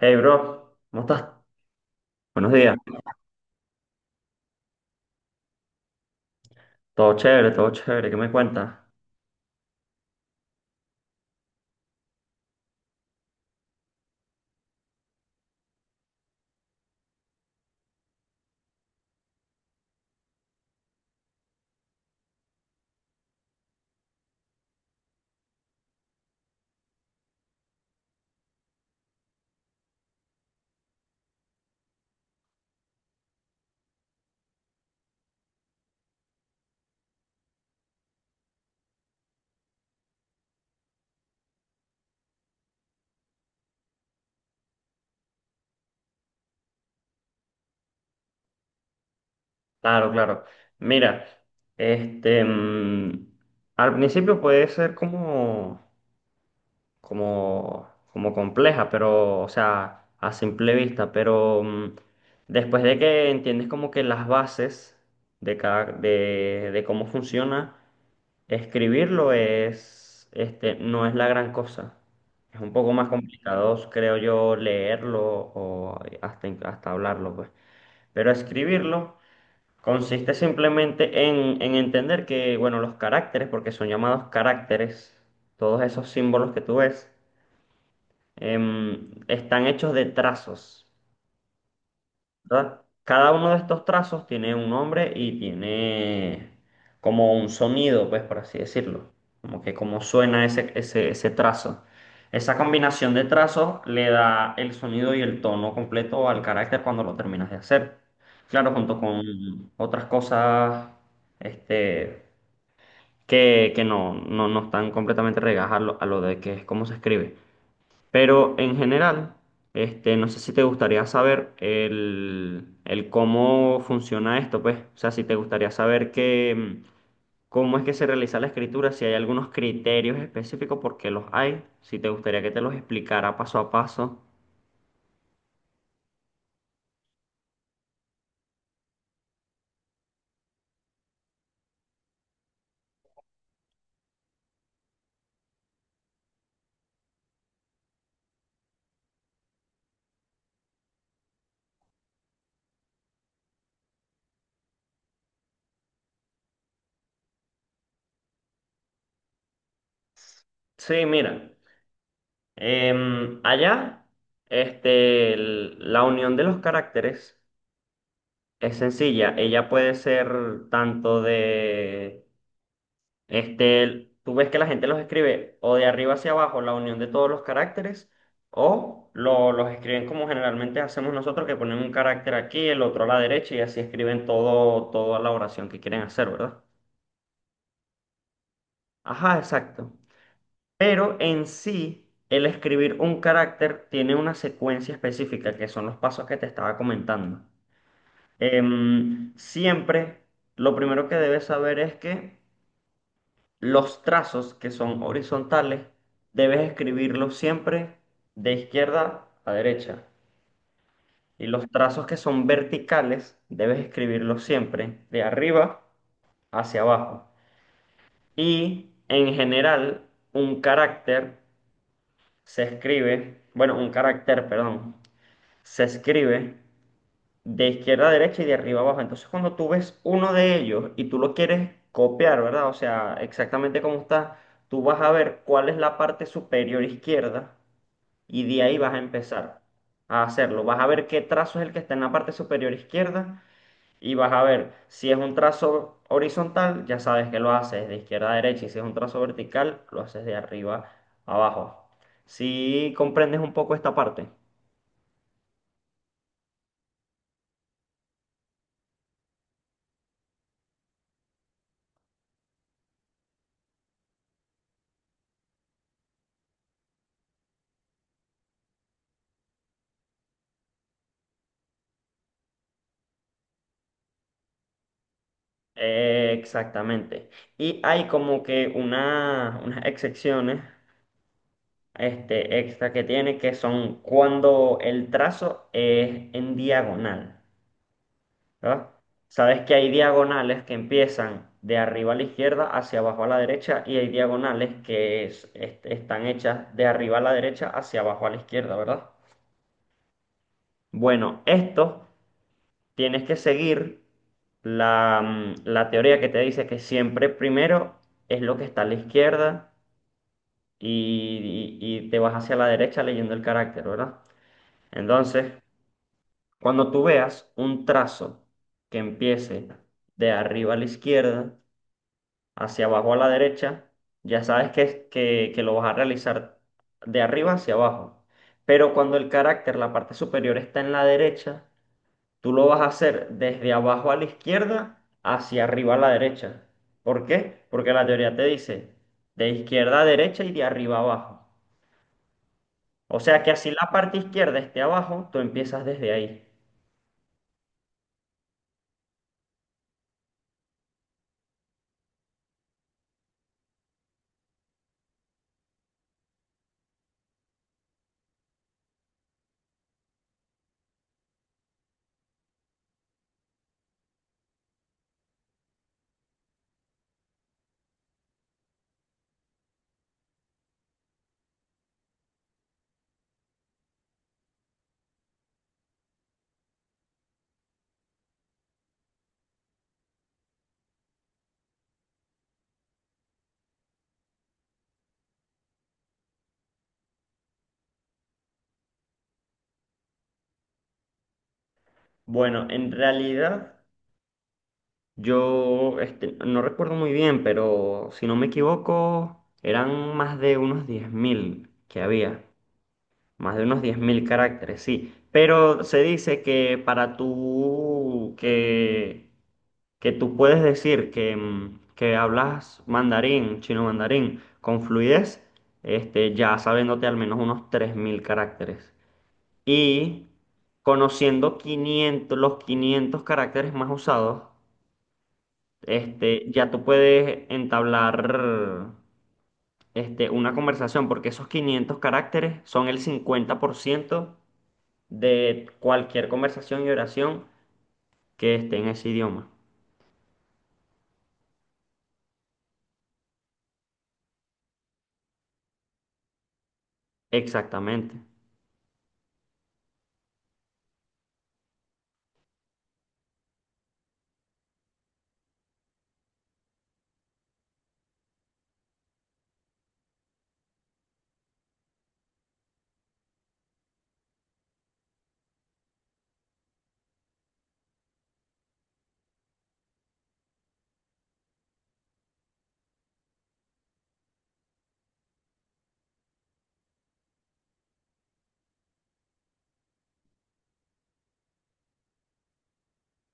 Hey, bro, ¿cómo estás? Buenos días. Todo chévere, todo chévere. ¿Qué me cuentas? Claro, claro. Mira, este, mm, al principio puede ser como, como compleja, pero, o sea, a simple vista, después de que entiendes como que las bases de cómo funciona. Escribirlo es, no es la gran cosa. Es un poco más complicado, creo yo, leerlo o hasta hablarlo, pues. Pero escribirlo consiste simplemente en entender que, bueno, los caracteres, porque son llamados caracteres, todos esos símbolos que tú ves, están hechos de trazos. ¿Verdad? Cada uno de estos trazos tiene un nombre y tiene como un sonido, pues por así decirlo, como que cómo suena ese trazo. Esa combinación de trazos le da el sonido y el tono completo al carácter cuando lo terminas de hacer. Claro, junto con otras cosas, este, que no, no, no están completamente regadas a lo de que es cómo se escribe. Pero en general, no sé si te gustaría saber el cómo funciona esto, pues. O sea, si te gustaría saber que, cómo es que se realiza la escritura, si hay algunos criterios específicos, porque los hay. Si te gustaría que te los explicara paso a paso. Sí, mira, allá la unión de los caracteres es sencilla. Ella puede ser tanto de. Tú ves que la gente los escribe o de arriba hacia abajo, la unión de todos los caracteres, o los escriben como generalmente hacemos nosotros, que ponen un carácter aquí, el otro a la derecha y así escriben todo, toda la oración que quieren hacer, ¿verdad? Ajá, exacto. Pero en sí, el escribir un carácter tiene una secuencia específica, que son los pasos que te estaba comentando. Siempre, lo primero que debes saber es que los trazos que son horizontales debes escribirlos siempre de izquierda a derecha. Y los trazos que son verticales debes escribirlos siempre de arriba hacia abajo. Y en general, un carácter se escribe, bueno, un carácter, perdón, se escribe de izquierda a derecha y de arriba a abajo. Entonces, cuando tú ves uno de ellos y tú lo quieres copiar, ¿verdad? O sea, exactamente como está, tú vas a ver cuál es la parte superior izquierda y de ahí vas a empezar a hacerlo. Vas a ver qué trazo es el que está en la parte superior izquierda y vas a ver si es un trazo horizontal, ya sabes que lo haces de izquierda a derecha, y si es un trazo vertical, lo haces de arriba a abajo. Si comprendes un poco esta parte. Exactamente. Y hay como que unas excepciones extra que tiene, que son cuando el trazo es en diagonal, ¿verdad? Sabes que hay diagonales que empiezan de arriba a la izquierda hacia abajo a la derecha, y hay diagonales que están hechas de arriba a la derecha hacia abajo a la izquierda, ¿verdad? Bueno, estos tienes que seguir la, la teoría que te dice que siempre primero es lo que está a la izquierda, y te vas hacia la derecha leyendo el carácter, ¿verdad? Entonces, cuando tú veas un trazo que empiece de arriba a la izquierda hacia abajo a la derecha, ya sabes que, que lo vas a realizar de arriba hacia abajo. Pero cuando el carácter, la parte superior está en la derecha, tú lo vas a hacer desde abajo a la izquierda hacia arriba a la derecha. ¿Por qué? Porque la teoría te dice de izquierda a derecha y de arriba a abajo. O sea que así la parte izquierda esté abajo, tú empiezas desde ahí. Bueno, en realidad yo no recuerdo muy bien, pero si no me equivoco, eran más de unos 10.000 que había. Más de unos 10.000 caracteres, sí. Pero se dice que, para tú que tú puedes decir que, que hablas mandarín, chino mandarín, con fluidez, ya sabiéndote al menos unos 3.000 caracteres. Y conociendo 500 los 500 caracteres más usados, ya tú puedes entablar, una conversación, porque esos 500 caracteres son el 50% de cualquier conversación y oración que esté en ese idioma. Exactamente.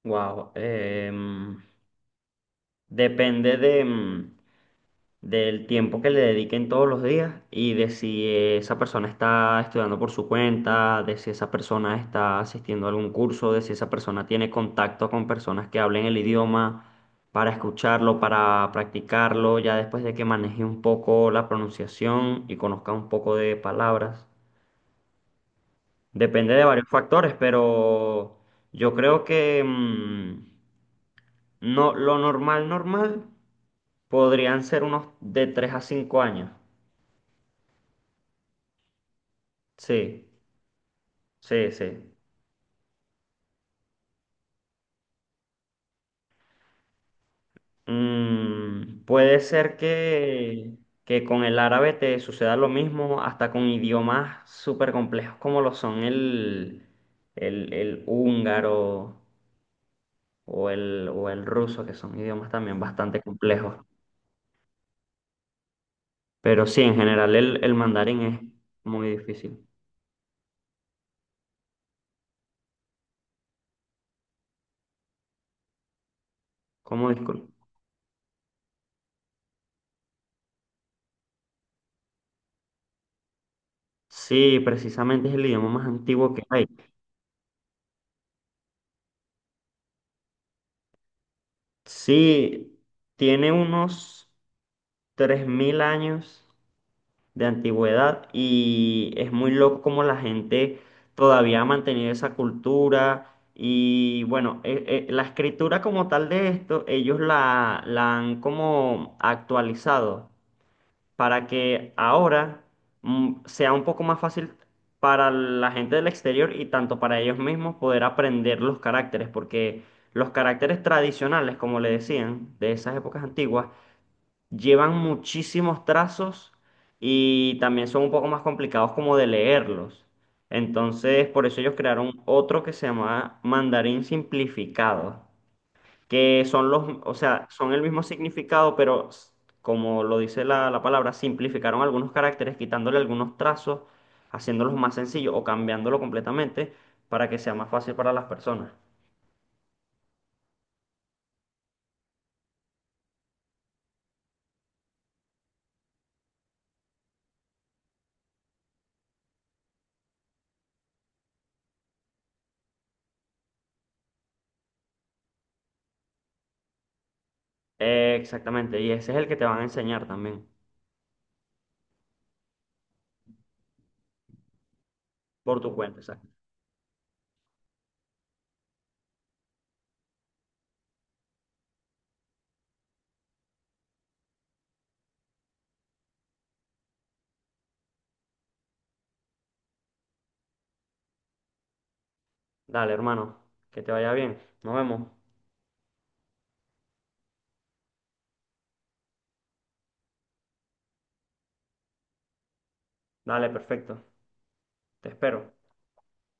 Wow. Depende de, del tiempo que le dediquen todos los días, y de si esa persona está estudiando por su cuenta, de si esa persona está asistiendo a algún curso, de si esa persona tiene contacto con personas que hablen el idioma para escucharlo, para practicarlo, ya después de que maneje un poco la pronunciación y conozca un poco de palabras. Depende de varios factores, pero yo creo que, no, lo normal, normal. Podrían ser unos de 3 a 5 años. Sí, sí, sí. Puede ser que, con el árabe te suceda lo mismo, hasta con idiomas súper complejos como lo son el, el húngaro o o el ruso, que son idiomas también bastante complejos. Pero sí, en general el mandarín es muy difícil. ¿Cómo, disculpa? Sí, precisamente es el idioma más antiguo que hay. Sí, tiene unos 3.000 años de antigüedad, y es muy loco como la gente todavía ha mantenido esa cultura y, bueno, la escritura como tal de esto, ellos la han como actualizado para que ahora, sea un poco más fácil para la gente del exterior y tanto para ellos mismos, poder aprender los caracteres, porque los caracteres tradicionales, como le decían, de esas épocas antiguas, llevan muchísimos trazos y también son un poco más complicados como de leerlos. Entonces, por eso ellos crearon otro que se llama mandarín simplificado, que son los, o sea, son el mismo significado, pero como lo dice la palabra, simplificaron algunos caracteres, quitándole algunos trazos, haciéndolos más sencillos o cambiándolo completamente para que sea más fácil para las personas. Exactamente, y ese es el que te van a enseñar también por tu cuenta. Dale, hermano, que te vaya bien. Nos vemos. Dale, perfecto. Te espero.